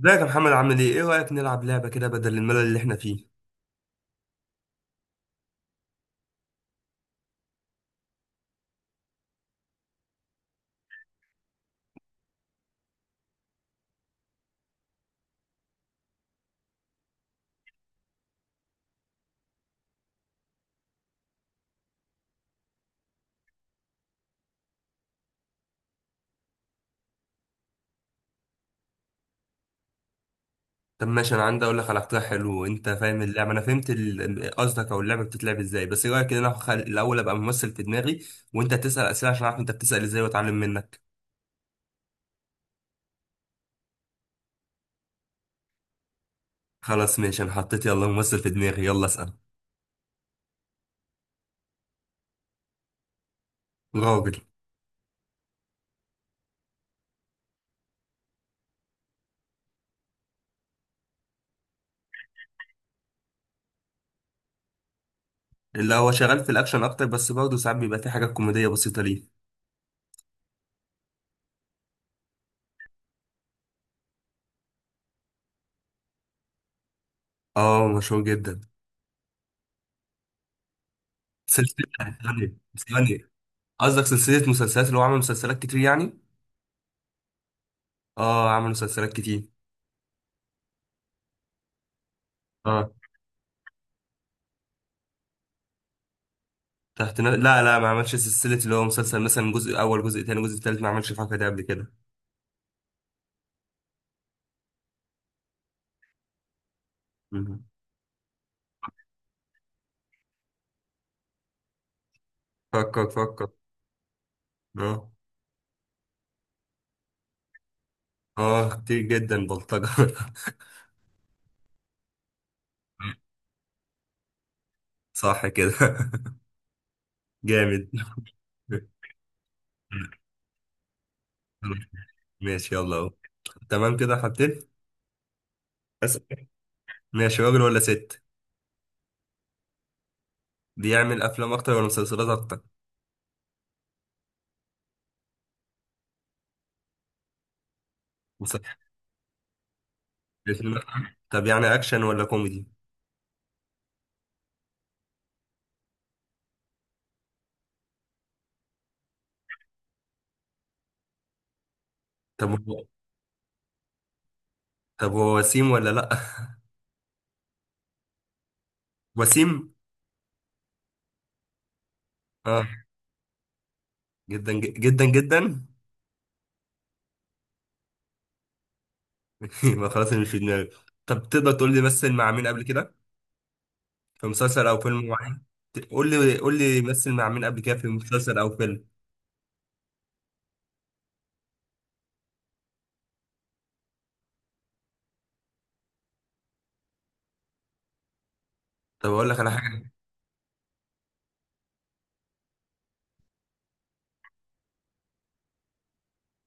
ازيك يا محمد، عامل ايه؟ ايه رأيك نلعب لعبة كده بدل الملل اللي احنا فيه؟ طب ماشي، انا عندي اقول لك على اقتراح حلو. وانت فاهم اللعبة، انا فهمت قصدك او اللعبة بتتلعب ازاي. بس ايه رأيك ان انا الاول ابقى ممثل في دماغي، وانت تسأل اسئلة عشان اعرف انت بتسأل ازاي واتعلم منك. خلاص ماشي، انا حطيت. يلا ممثل في دماغي، يلا اسأل. راجل. اللي هو شغال في الاكشن اكتر، بس برضه ساعات بيبقى في حاجات كوميدية بسيطة ليه. اه مشهور جدا. سلسلة. غني. غني. قصدك سلسلة مسلسلات اللي هو عمل مسلسلات كتير يعني؟ اه عمل مسلسلات كتير. آه. لا لا، ما عملش سلسلة اللي هو مسلسل مثلا جزء أول جزء تاني جزء تالت، ما عملش الحركة دي قبل كده. مم. فكر فكر. اه. اه كتير جدا بلطجة صح كده. جامد. ماشي يلا اهو. تمام كده حطيت. أسأل. ماشي. راجل ولا ست؟ بيعمل أفلام أكتر ولا مسلسلات أكتر؟ مسلسلات أكتر. طب يعني أكشن ولا كوميدي؟ طب هو. طب هو وسيم ولا لأ؟ وسيم. اه. جدا جدا جدا. يبقى خلاص أنا مش في دماغي. طب تقدر تقول لي مثل مع مين قبل كده في مسلسل او فيلم معين؟ قول لي مثل مع مين قبل كده في مسلسل او فيلم. طب اقول لك على حاجه.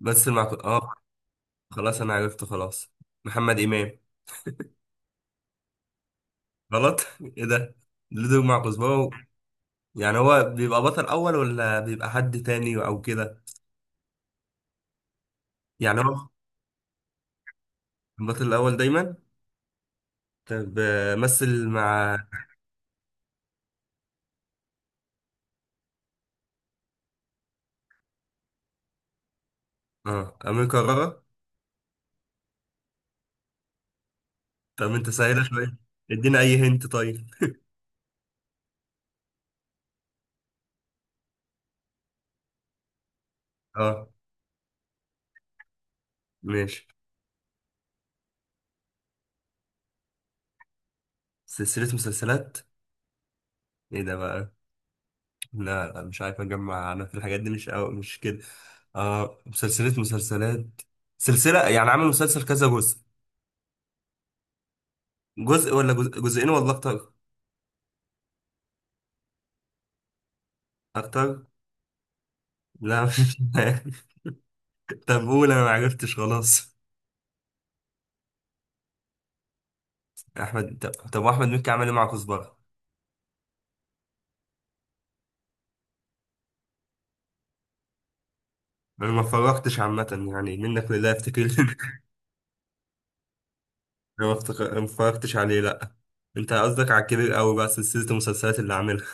اه. خلاص انا عرفت خلاص. محمد امام. غلط ايه ده؟ ليه دور مع كزبره يعني هو بيبقى بطل اول ولا بيبقى حد تاني او كده؟ يعني هو. البطل الاول دايما. طب مثل مع. اه امير كرارة. طب انت سهله شويه. ادينا اي هنت طيب. اه. ماشي. سلسلة مسلسلات. ايه ده بقى؟ لا لا مش عارف اجمع انا في الحاجات دي، مش كده. اه سلسلة مسلسلات. سلسلة يعني عامل مسلسل كذا جزء؟ جزء ولا جزئين ولا اكتر؟ اكتر. لا مش عارف. طب قول، انا ما عرفتش خلاص. طب طب، احمد مكي عمل ايه مع كزبرة؟ انا ما اتفرجتش عامة يعني، منك لله افتكر انا ما اتفرجتش عليه لا. انت قصدك على الكبير قوي، بقى سلسلة المسلسلات اللي عاملها.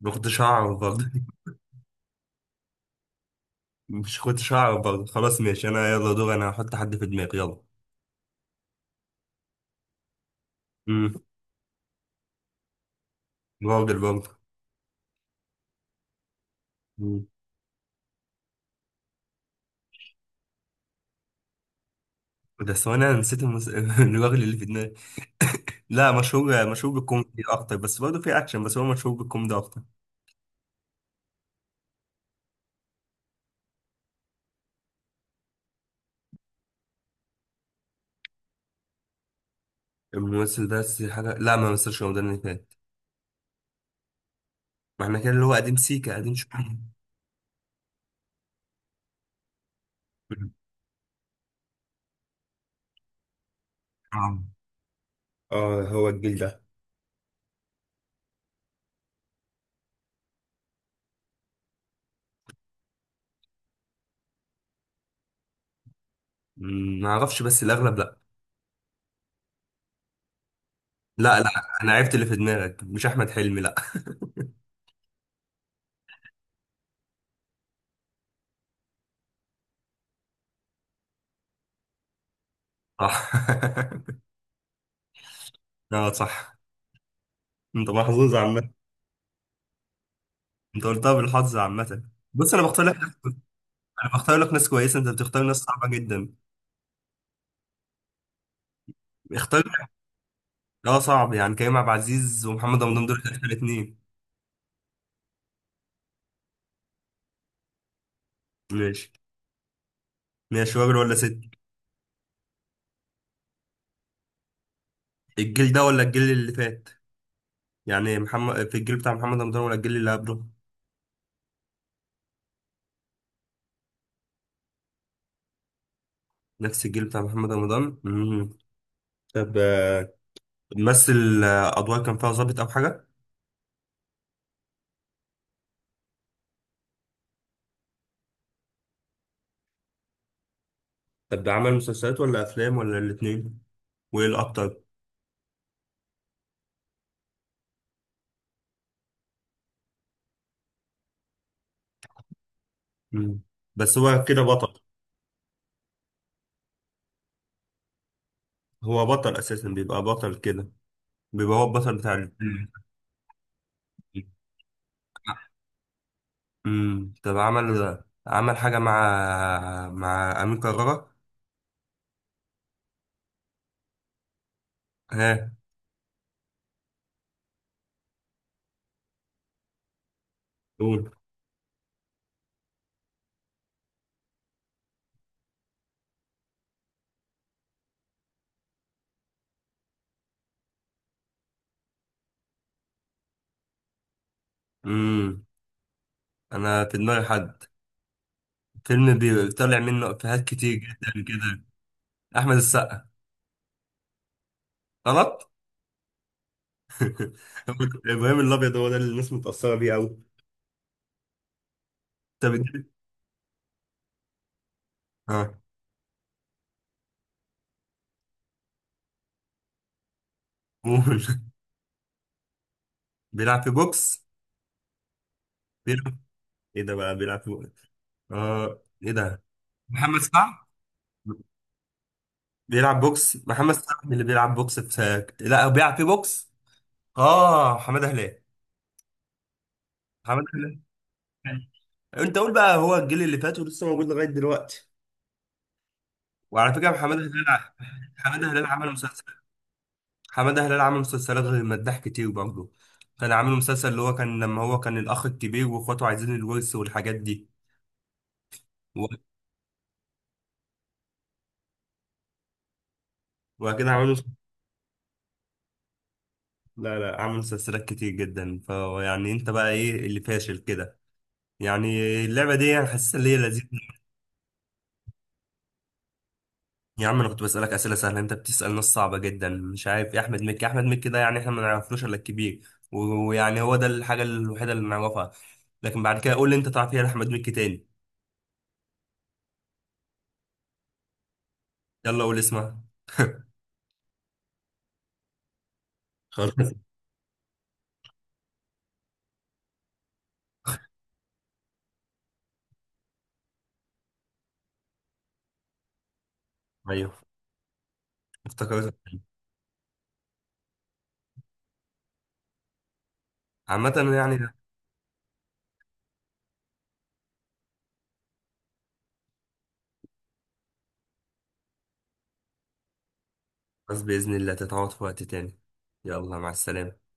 ما كنتش هعرف برضه. مش كنتش هعرف برضه. خلاص ماشي، انا يلا دور. انا هحط حد في دماغي يلا. امم. راجل برضه. مم. بس هو انا نسيت الراجل اللي في دماغي. لا مشهور، مشهور بالكوميدي اكتر، بس برضه في اكشن، بس هو مشهور بالكوميدي اكتر. الممثل ده بس لا ما مثلش رمضان اللي فات. ما احنا كده اللي هو قديم سيكا، قديم شويه مم. اه. هو الجيل ده. مم، ما اعرفش بس الاغلب لا. لا لا انا عرفت اللي في دماغك، مش احمد حلمي لا. صح. اه صح. انت محظوظ عامة. انت قلتها بالحظ عامة. بص انا بختار لك. انا بختار لك ناس كويسة، انت بتختار ناس صعبة جدا. اختار لك. اه صعب، يعني كريم عبد العزيز ومحمد رمضان دول اخر اتنين. ماشي. ماشي. راجل ولا ست؟ الجيل ده ولا الجيل اللي فات؟ يعني محمد في الجيل بتاع محمد رمضان ولا الجيل اللي قبله؟ نفس الجيل بتاع محمد رمضان. امم. طب مثل ادوار كان فيها ظابط او حاجة؟ طب ده عمل مسلسلات ولا افلام ولا الاتنين؟ وايه الاكتر؟ مم. بس هو كده بطل. هو بطل اساسا، بيبقى بطل كده، بيبقى هو البطل بتاع طب عمل حاجة مع أمين كرارة. ها؟ قول. امم. أنا في دماغي حد. فيلم بيطلع منه إفيهات كتير جدا كده. أحمد السقا. غلط إبراهيم الأبيض، هو ده اللي الناس متأثرة بيه أوي. طب اه. قول. بيلعب في بوكس. بيلعب. إيه ده بقى؟ بيلعب في بوكس؟ اه إيه ده؟ محمد سعد. بيلعب بوكس، محمد سعد اللي بيلعب بوكس في، لا هو بيلعب في بوكس. اه حماده هلال. حماده هلال. انت قول بقى، هو الجيل اللي فات ولسه موجود لغايه دلوقتي. وعلى فكره حماده هلال حماده هلال عمل مسلسل. حماده هلال عمل مسلسلات غير مداح كتير برضه. كان عامل مسلسل اللي هو كان لما هو كان الاخ الكبير واخواته عايزين الورث والحاجات دي و- وبعد كده عملوا. لا لا عمل مسلسلات كتير جدا، فيعني انت بقى ايه اللي فاشل كده؟ يعني اللعبه دي انا حاسسها اللي هي لذيذه. يا عم انا كنت بسألك اسئله سهله، انت بتسأل ناس صعبه جدا، مش عارف يا احمد مكي. احمد مكي ده يعني احنا ما نعرفلوش الا الكبير ويعني هو ده الحاجه الوحيده اللي نعرفها. لكن بعد كده قول لي انت تعرف ايه احمد مكي تاني. يلا قول اسمها. خلاص ايوه افتكرت. عامه يعني. بس باذن الله تتعوض في وقت تاني. يلا مع السلامه.